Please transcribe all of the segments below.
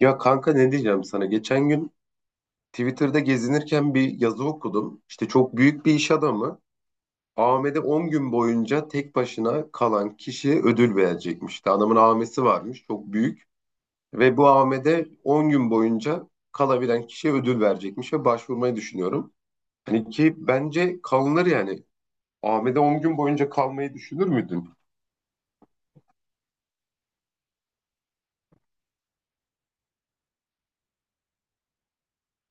Ya kanka ne diyeceğim sana? Geçen gün Twitter'da gezinirken bir yazı okudum. İşte çok büyük bir iş adamı Ahmet'e 10 gün boyunca tek başına kalan kişiye ödül verecekmiş. İşte adamın amesi varmış çok büyük ve bu Ahmet'e 10 gün boyunca kalabilen kişiye ödül verecekmiş ve başvurmayı düşünüyorum. Hani ki bence kalınır yani. Ahmet'e 10 gün boyunca kalmayı düşünür müydün?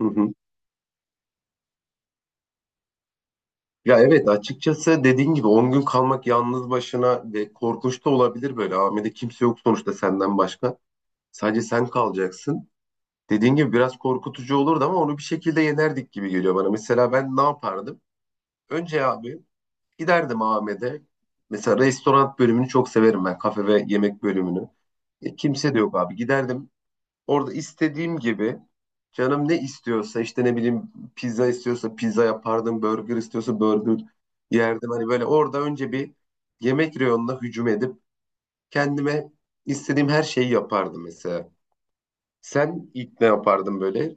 Hı hı. Ya evet, açıkçası dediğin gibi 10 gün kalmak yalnız başına ve korkunç da olabilir böyle. Amede kimse yok sonuçta senden başka. Sadece sen kalacaksın. Dediğin gibi biraz korkutucu olurdu ama onu bir şekilde yenerdik gibi geliyor bana. Mesela ben ne yapardım? Önce abi giderdim Ahmet'e. Mesela restoran bölümünü çok severim ben. Kafe ve yemek bölümünü. E, kimse de yok abi. Giderdim. Orada istediğim gibi canım ne istiyorsa işte ne bileyim pizza istiyorsa pizza yapardım, burger istiyorsa burger yerdim. Hani böyle orada önce bir yemek reyonuna hücum edip kendime istediğim her şeyi yapardım mesela. Sen ilk ne yapardın böyle?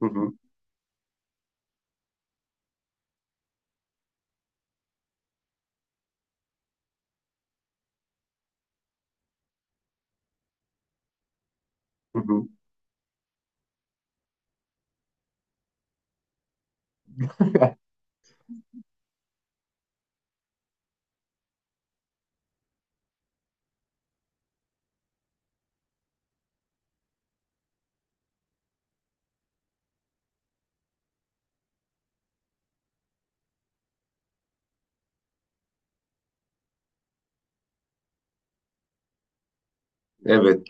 Hı hı, hı hı. Evet.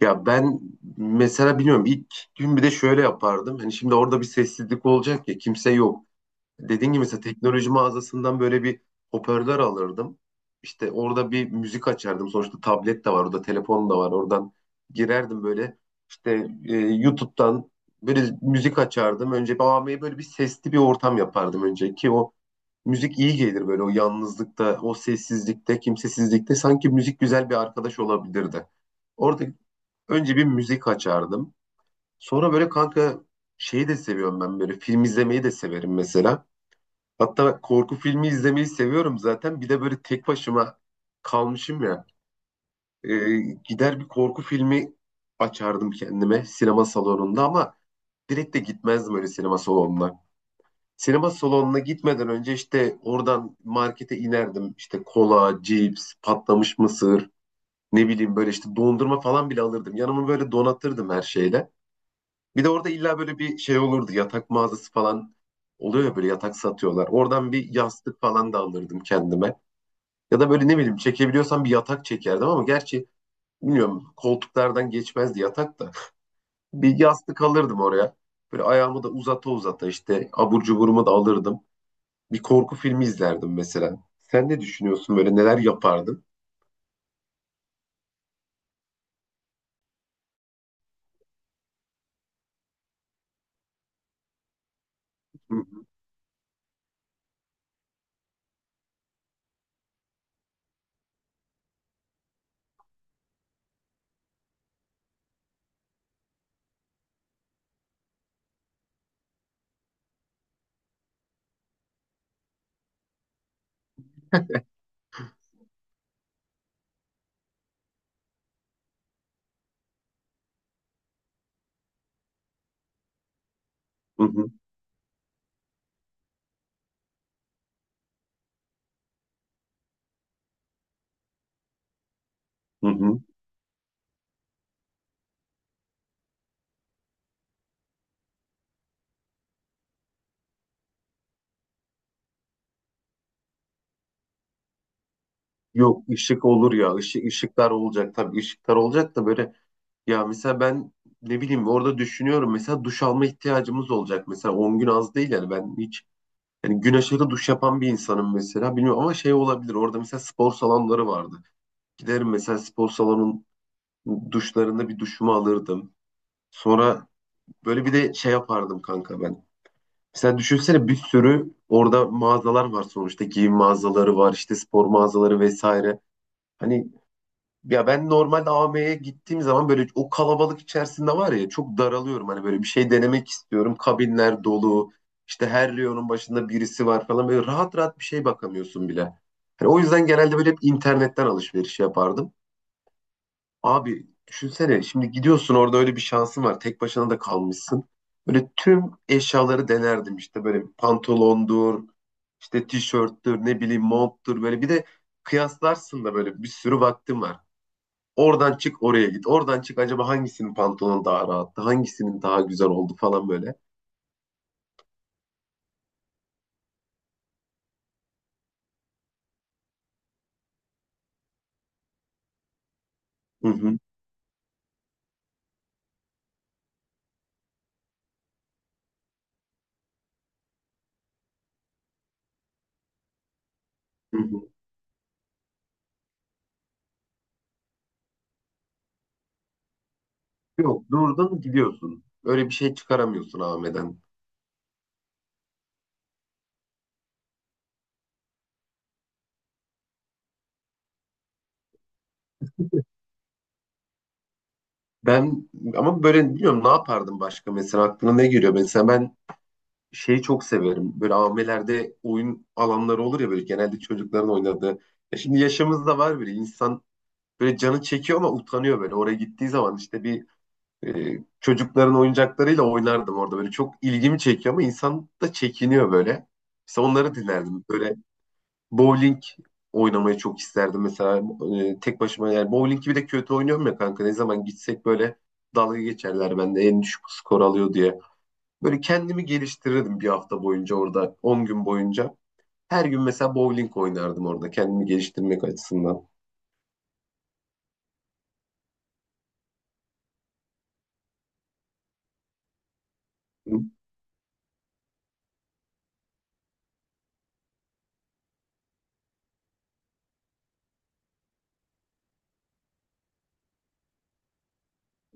Ya ben mesela bilmiyorum, ilk gün bir de şöyle yapardım. Hani şimdi orada bir sessizlik olacak ya, kimse yok. Dediğim gibi mesela teknoloji mağazasından böyle bir hoparlör alırdım. İşte orada bir müzik açardım. Sonuçta tablet de var, orada telefon da var. Oradan girerdim böyle. İşte YouTube'dan böyle müzik açardım. Önce babamaya böyle bir sesli bir ortam yapardım önce ki o müzik iyi gelir böyle o yalnızlıkta, o sessizlikte, kimsesizlikte sanki müzik güzel bir arkadaş olabilirdi. Orada önce bir müzik açardım. Sonra böyle kanka şeyi de seviyorum ben, böyle film izlemeyi de severim mesela. Hatta korku filmi izlemeyi seviyorum zaten. Bir de böyle tek başıma kalmışım ya. Ee, gider bir korku filmi açardım kendime sinema salonunda ama direkt de gitmezdim öyle sinema salonuna. Sinema salonuna gitmeden önce işte oradan markete inerdim. İşte kola, cips, patlamış mısır, ne bileyim böyle işte dondurma falan bile alırdım. Yanımı böyle donatırdım her şeyle. Bir de orada illa böyle bir şey olurdu. Yatak mağazası falan oluyor ya, böyle yatak satıyorlar. Oradan bir yastık falan da alırdım kendime. Ya da böyle ne bileyim çekebiliyorsam bir yatak çekerdim ama gerçi bilmiyorum, koltuklardan geçmezdi yatak da. Bir yastık alırdım oraya. Böyle ayağımı da uzata uzata işte abur cuburumu da alırdım. Bir korku filmi izlerdim mesela. Sen ne düşünüyorsun, böyle neler yapardın? Hı hı hı. Hı hı. Yok, ışık olur ya, ışık, ışıklar olacak, tabii ışıklar olacak da böyle, ya mesela ben ne bileyim orada düşünüyorum, mesela duş alma ihtiyacımız olacak, mesela 10 gün az değil yani, ben hiç, yani güneşe de duş yapan bir insanım mesela. Bilmiyorum ama şey olabilir. Orada mesela spor salonları vardı. Giderim mesela spor salonun duşlarında bir duşumu alırdım. Sonra böyle bir de şey yapardım kanka ben. Mesela düşünsene, bir sürü orada mağazalar var sonuçta. Giyim mağazaları var, işte spor mağazaları vesaire. Hani ya ben normalde AVM'ye gittiğim zaman böyle o kalabalık içerisinde var ya çok daralıyorum. Hani böyle bir şey denemek istiyorum. Kabinler dolu. İşte her reyonun başında birisi var falan. Böyle rahat rahat bir şey bakamıyorsun bile. Hani o yüzden genelde böyle hep internetten alışveriş yapardım. Abi düşünsene, şimdi gidiyorsun orada, öyle bir şansın var. Tek başına da kalmışsın. Böyle tüm eşyaları denerdim işte, böyle pantolondur, işte tişörttür, ne bileyim monttur, böyle bir de kıyaslarsın da böyle, bir sürü vaktim var. Oradan çık oraya git. Oradan çık, acaba hangisinin pantolonu daha rahattı? Hangisinin daha güzel oldu falan böyle. Hı hı, hı hı. Yok, durdun gidiyorsun. Öyle bir şey çıkaramıyorsun Ahmet'ten. Ben ama böyle bilmiyorum ne yapardım başka, mesela aklına ne geliyor? Mesela ben şeyi çok severim. Böyle AVM'lerde oyun alanları olur ya böyle, genelde çocukların oynadığı. Ya şimdi yaşımız da var bile, insan böyle canı çekiyor ama utanıyor böyle. Oraya gittiği zaman işte bir çocukların oyuncaklarıyla oynardım orada. Böyle çok ilgimi çekiyor ama insan da çekiniyor böyle. İşte onları dinlerdim. Böyle bowling oynamayı çok isterdim mesela. Tek başıma yani, bowling gibi de kötü oynuyorum ya kanka. Ne zaman gitsek böyle dalga geçerler bende en düşük skor alıyor diye. Böyle kendimi geliştirirdim bir hafta boyunca orada. 10 gün boyunca. Her gün mesela bowling oynardım orada kendimi geliştirmek açısından. Hı.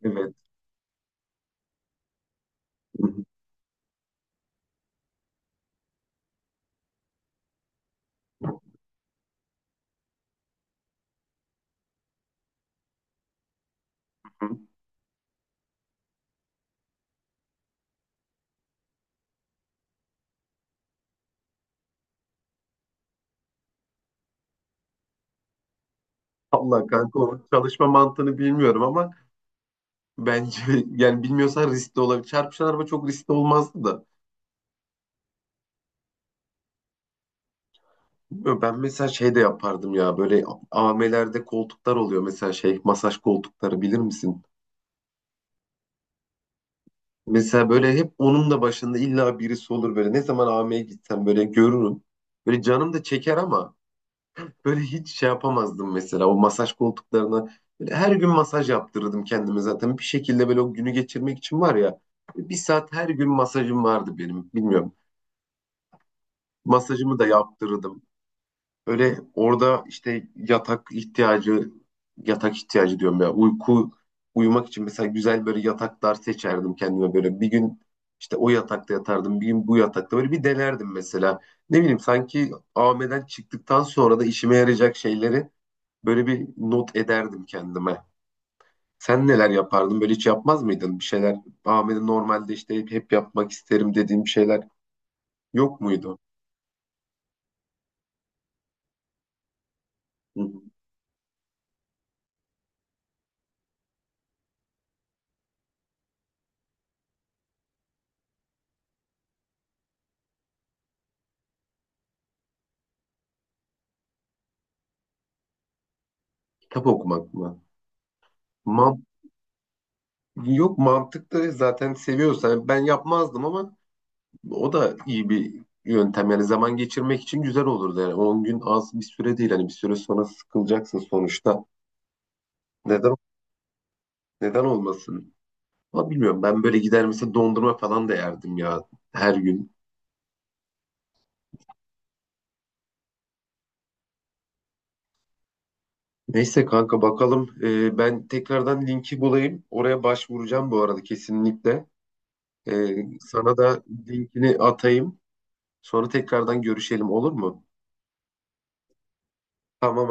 Evet. Hı hı. Vallahi kanka o çalışma mantığını bilmiyorum ama bence, yani bilmiyorsan riskli olabilir. Çarpışan araba çok riskli olmazdı da. Bilmiyorum, ben mesela şey de yapardım ya, böyle AVM'lerde koltuklar oluyor, mesela şey masaj koltukları, bilir misin? Mesela böyle hep onun da başında illa birisi olur, böyle ne zaman AVM'ye gitsem böyle görürüm. Böyle canım da çeker ama böyle hiç şey yapamazdım mesela o masaj koltuklarına. Böyle her gün masaj yaptırırdım kendime, zaten bir şekilde böyle o günü geçirmek için var ya. Bir saat her gün masajım vardı benim, bilmiyorum. Masajımı da yaptırırdım. Öyle orada işte yatak ihtiyacı, yatak ihtiyacı diyorum ya. Uyku, uyumak için mesela güzel böyle yataklar seçerdim kendime böyle. Bir gün işte o yatakta yatardım, bir gün bu yatakta, böyle bir denerdim mesela. Ne bileyim sanki AVM'den çıktıktan sonra da işime yarayacak şeyleri böyle bir not ederdim kendime. Sen neler yapardın? Böyle hiç yapmaz mıydın bir şeyler? AVM'de normalde işte hep yapmak isterim dediğim şeyler yok muydu? Hı hı. Kitap okumak mı? Yok mantıklı, zaten seviyorsan ben yapmazdım ama o da iyi bir yöntem yani, zaman geçirmek için güzel olurdu yani, 10 gün az bir süre değil, hani bir süre sonra sıkılacaksın sonuçta, neden neden olmasın. Ama bilmiyorum, ben böyle gider mesela dondurma falan da yerdim ya, her gün. Neyse kanka bakalım. Ben tekrardan linki bulayım, oraya başvuracağım bu arada kesinlikle. Sana da linkini atayım, sonra tekrardan görüşelim, olur mu? Tamam.